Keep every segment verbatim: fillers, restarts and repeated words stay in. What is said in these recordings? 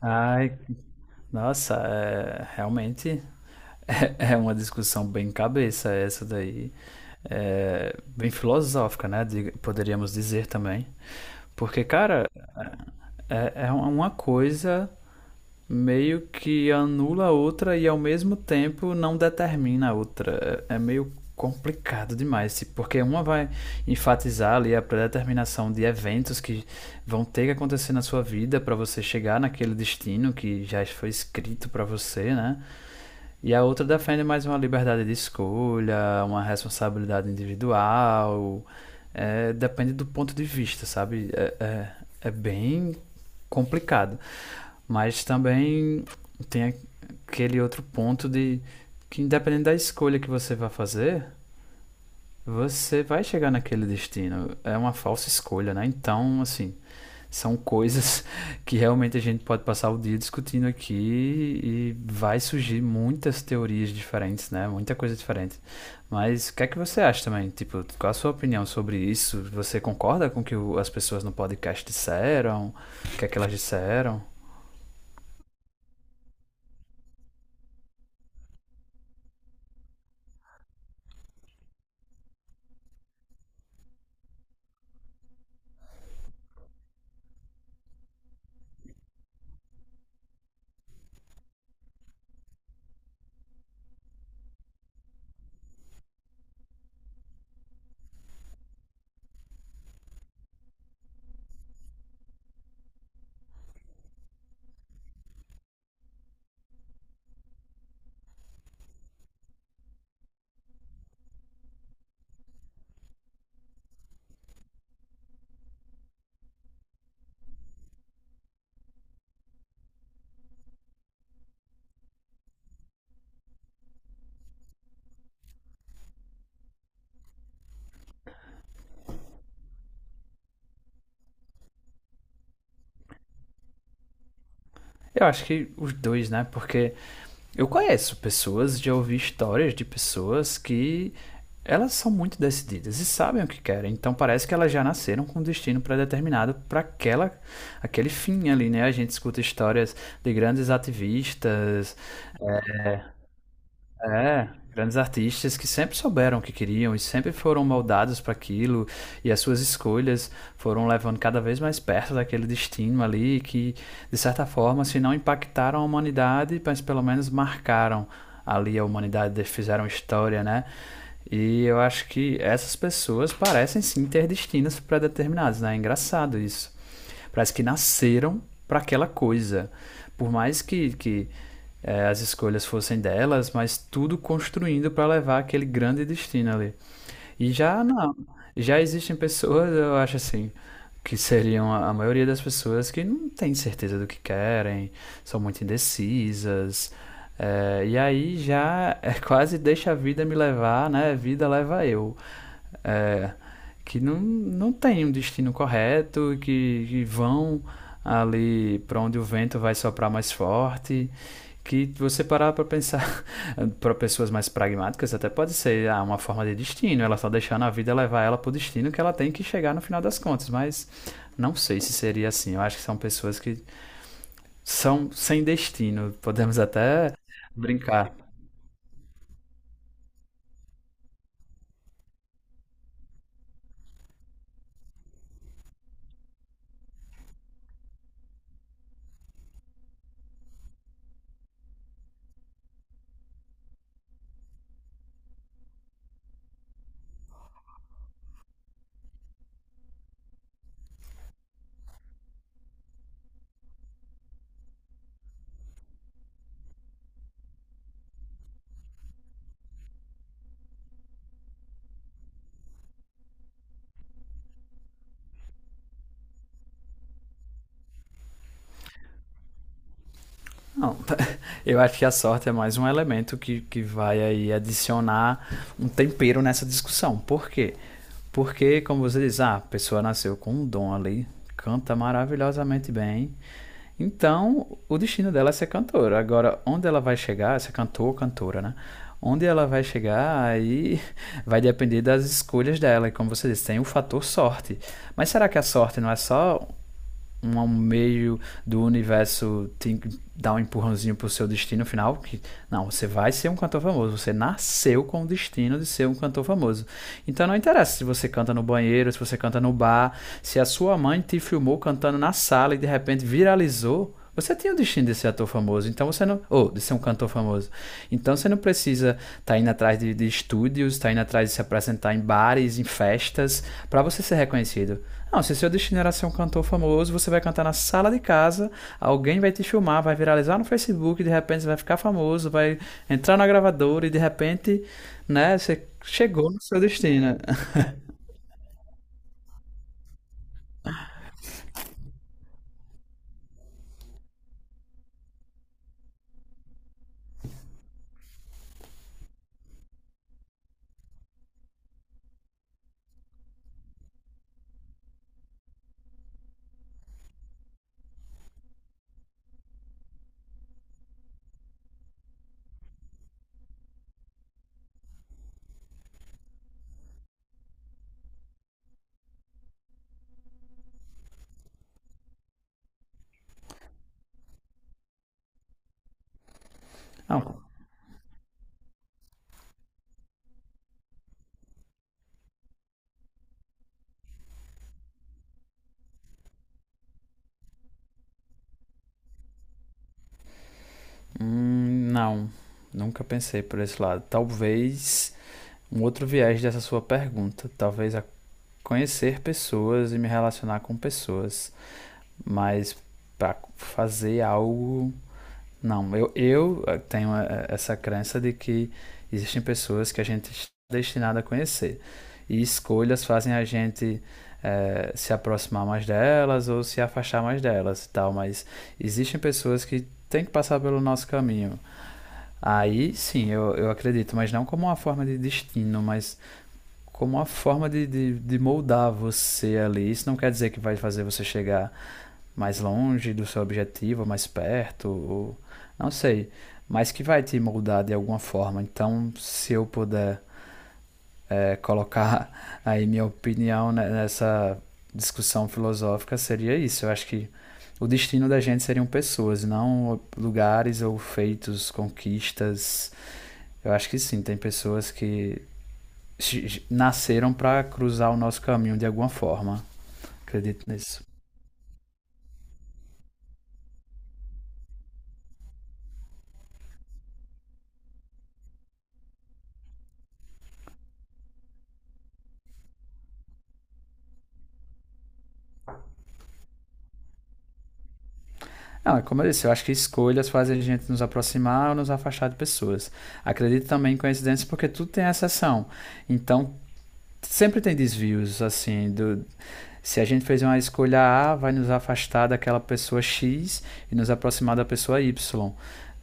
Ai, nossa, é, realmente é, é uma discussão bem cabeça essa daí. É, bem filosófica, né? diga- Poderíamos dizer também. Porque, cara, é, é uma coisa meio que anula a outra e ao mesmo tempo não determina a outra. É é meio complicado demais, porque uma vai enfatizar ali a predeterminação de eventos que vão ter que acontecer na sua vida para você chegar naquele destino que já foi escrito para você, né? E a outra defende mais uma liberdade de escolha, uma responsabilidade individual. É, depende do ponto de vista, sabe? É, é, é bem complicado. Mas também tem aquele outro ponto de que independente da escolha que você vai fazer, você vai chegar naquele destino. É uma falsa escolha, né? Então, assim, são coisas que realmente a gente pode passar o dia discutindo aqui e vai surgir muitas teorias diferentes, né? Muita coisa diferente. Mas o que é que você acha também? Tipo, qual a sua opinião sobre isso? Você concorda com o que o- as pessoas no podcast disseram? O que é que elas disseram? Eu acho que os dois, né? Porque eu conheço pessoas, já ouvi histórias de pessoas que elas são muito decididas e sabem o que querem. Então parece que elas já nasceram com um destino pré-determinado para aquela aquele fim ali, né? A gente escuta histórias de grandes ativistas, é, grandes artistas que sempre souberam o que queriam e sempre foram moldados para aquilo, e as suas escolhas foram levando cada vez mais perto daquele destino ali que, de certa forma, se não impactaram a humanidade, mas pelo menos marcaram ali a humanidade, fizeram história, né? E eu acho que essas pessoas parecem sim ter destinos pré-determinados, né? É engraçado isso. Parece que nasceram para aquela coisa. Por mais que, que é, as escolhas fossem delas, mas tudo construindo para levar aquele grande destino ali. E já não, já existem pessoas, eu acho assim, que seriam a a maioria das pessoas que não tem certeza do que querem, são muito indecisas. É, e aí já é quase deixa a vida me levar, né? Vida leva eu. É, que não, não tem um destino correto, que, que vão ali para onde o vento vai soprar mais forte. Que você parar para pensar, para pessoas mais pragmáticas, até pode ser ah, uma forma de destino, ela está deixando a vida levar ela para o destino que ela tem que chegar no final das contas, mas não sei se seria assim. Eu acho que são pessoas que são sem destino, podemos até brincar. Não, eu acho que a sorte é mais um elemento que, que vai aí adicionar um tempero nessa discussão. Por quê? Porque, como você diz, ah, a pessoa nasceu com um dom ali, canta maravilhosamente bem. Então, o destino dela é ser cantora. Agora, onde ela vai chegar, se é cantor ou cantora, né? Onde ela vai chegar, aí vai depender das escolhas dela. E como você disse, tem o fator sorte. Mas será que a sorte não é só um meio do universo te dar um empurrãozinho pro seu destino final, que não, você vai ser um cantor famoso, você nasceu com o destino de ser um cantor famoso. Então não interessa se você canta no banheiro, se você canta no bar, se a sua mãe te filmou cantando na sala e de repente viralizou, você tem o destino de ser ator famoso, então você não. Ou de ser um cantor famoso. Então você não precisa estar tá indo atrás de, de estúdios, estar tá indo atrás de se apresentar em bares, em festas, para você ser reconhecido. Não, se seu destino era ser um cantor famoso, você vai cantar na sala de casa, alguém vai te filmar, vai viralizar no Facebook, e de repente você vai ficar famoso, vai entrar na gravadora e de repente, né, você chegou no seu destino. Não, hum, não, nunca pensei por esse lado. Talvez um outro viés dessa sua pergunta, talvez a conhecer pessoas e me relacionar com pessoas, mas para fazer algo não, eu, eu eh, tenho a- essa crença de que existem pessoas que a gente está destinado a conhecer. E escolhas fazem a gente eh, se aproximar mais delas ou se afastar mais delas e tal. Mas existem pessoas que têm que passar pelo nosso caminho. Aí sim, eu, eu acredito, mas não como uma forma de destino, mas como uma forma de, de, de moldar você ali. Isso não quer dizer que vai fazer você chegar mais longe do seu objetivo, mais perto, ou não sei, mas que vai te moldar de alguma forma. Então, se eu puder é, colocar aí minha opinião nessa discussão filosófica, seria isso. Eu acho que o destino da gente seriam pessoas, não lugares ou feitos, conquistas. Eu acho que sim, tem pessoas que nasceram para cruzar o nosso caminho de alguma forma. Acredito nisso. Não, é como eu disse, eu acho que escolhas fazem a gente nos aproximar ou nos afastar de pessoas. Acredito também em coincidências porque tudo tem exceção. Então, sempre tem desvios, assim, do, se a gente fez uma escolha A, vai nos afastar daquela pessoa X e nos aproximar da pessoa Y.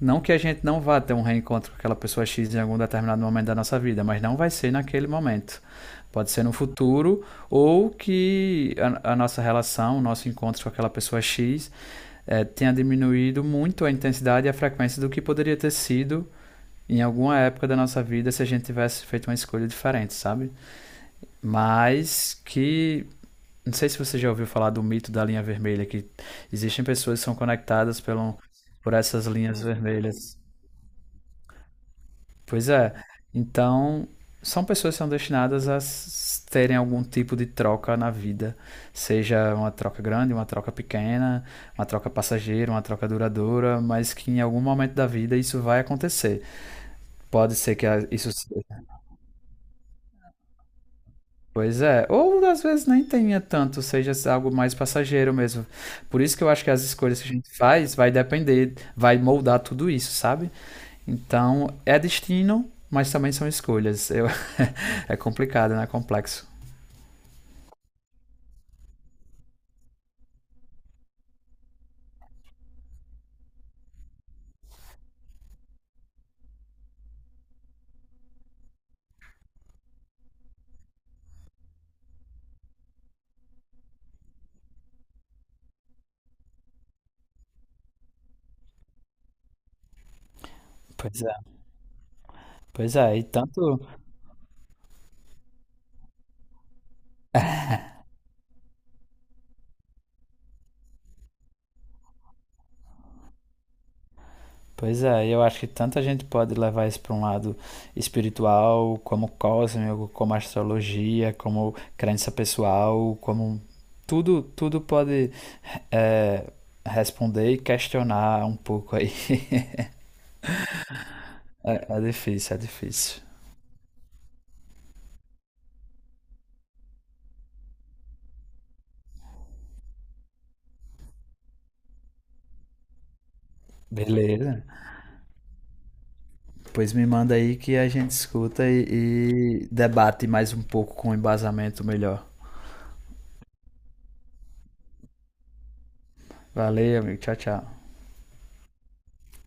Não que a gente não vá ter um reencontro com aquela pessoa X em algum determinado momento da nossa vida, mas não vai ser naquele momento. Pode ser no futuro, ou que a, a nossa relação, o nosso encontro com aquela pessoa X é, tenha diminuído muito a intensidade e a frequência do que poderia ter sido em alguma época da nossa vida se a gente tivesse feito uma escolha diferente, sabe? Mas que. Não sei se você já ouviu falar do mito da linha vermelha, que existem pessoas que são conectadas pelo, por essas linhas vermelhas. Pois é. Então, são pessoas que são destinadas a s- terem algum tipo de troca na vida, seja uma troca grande, uma troca pequena, uma troca passageira, uma troca duradoura, mas que em algum momento da vida isso vai acontecer. Pode ser que a- isso seja. Pois é, ou às vezes nem tenha tanto, seja algo mais passageiro mesmo. Por isso que eu acho que as escolhas que a gente faz vai depender, vai moldar tudo isso, sabe? Então, é destino, mas também são escolhas. Eu- é complicado, né? Complexo. Pois é, pois é, e tanto, pois é, eu acho que tanta gente pode levar isso para um lado espiritual, como cósmico, como astrologia, como crença pessoal, como tudo, tudo pode é, responder e questionar um pouco aí. É, é difícil, é difícil. Beleza. Pois me manda aí que a gente escuta e, e debate mais um pouco com um embasamento melhor. Valeu, amigo. Tchau, tchau.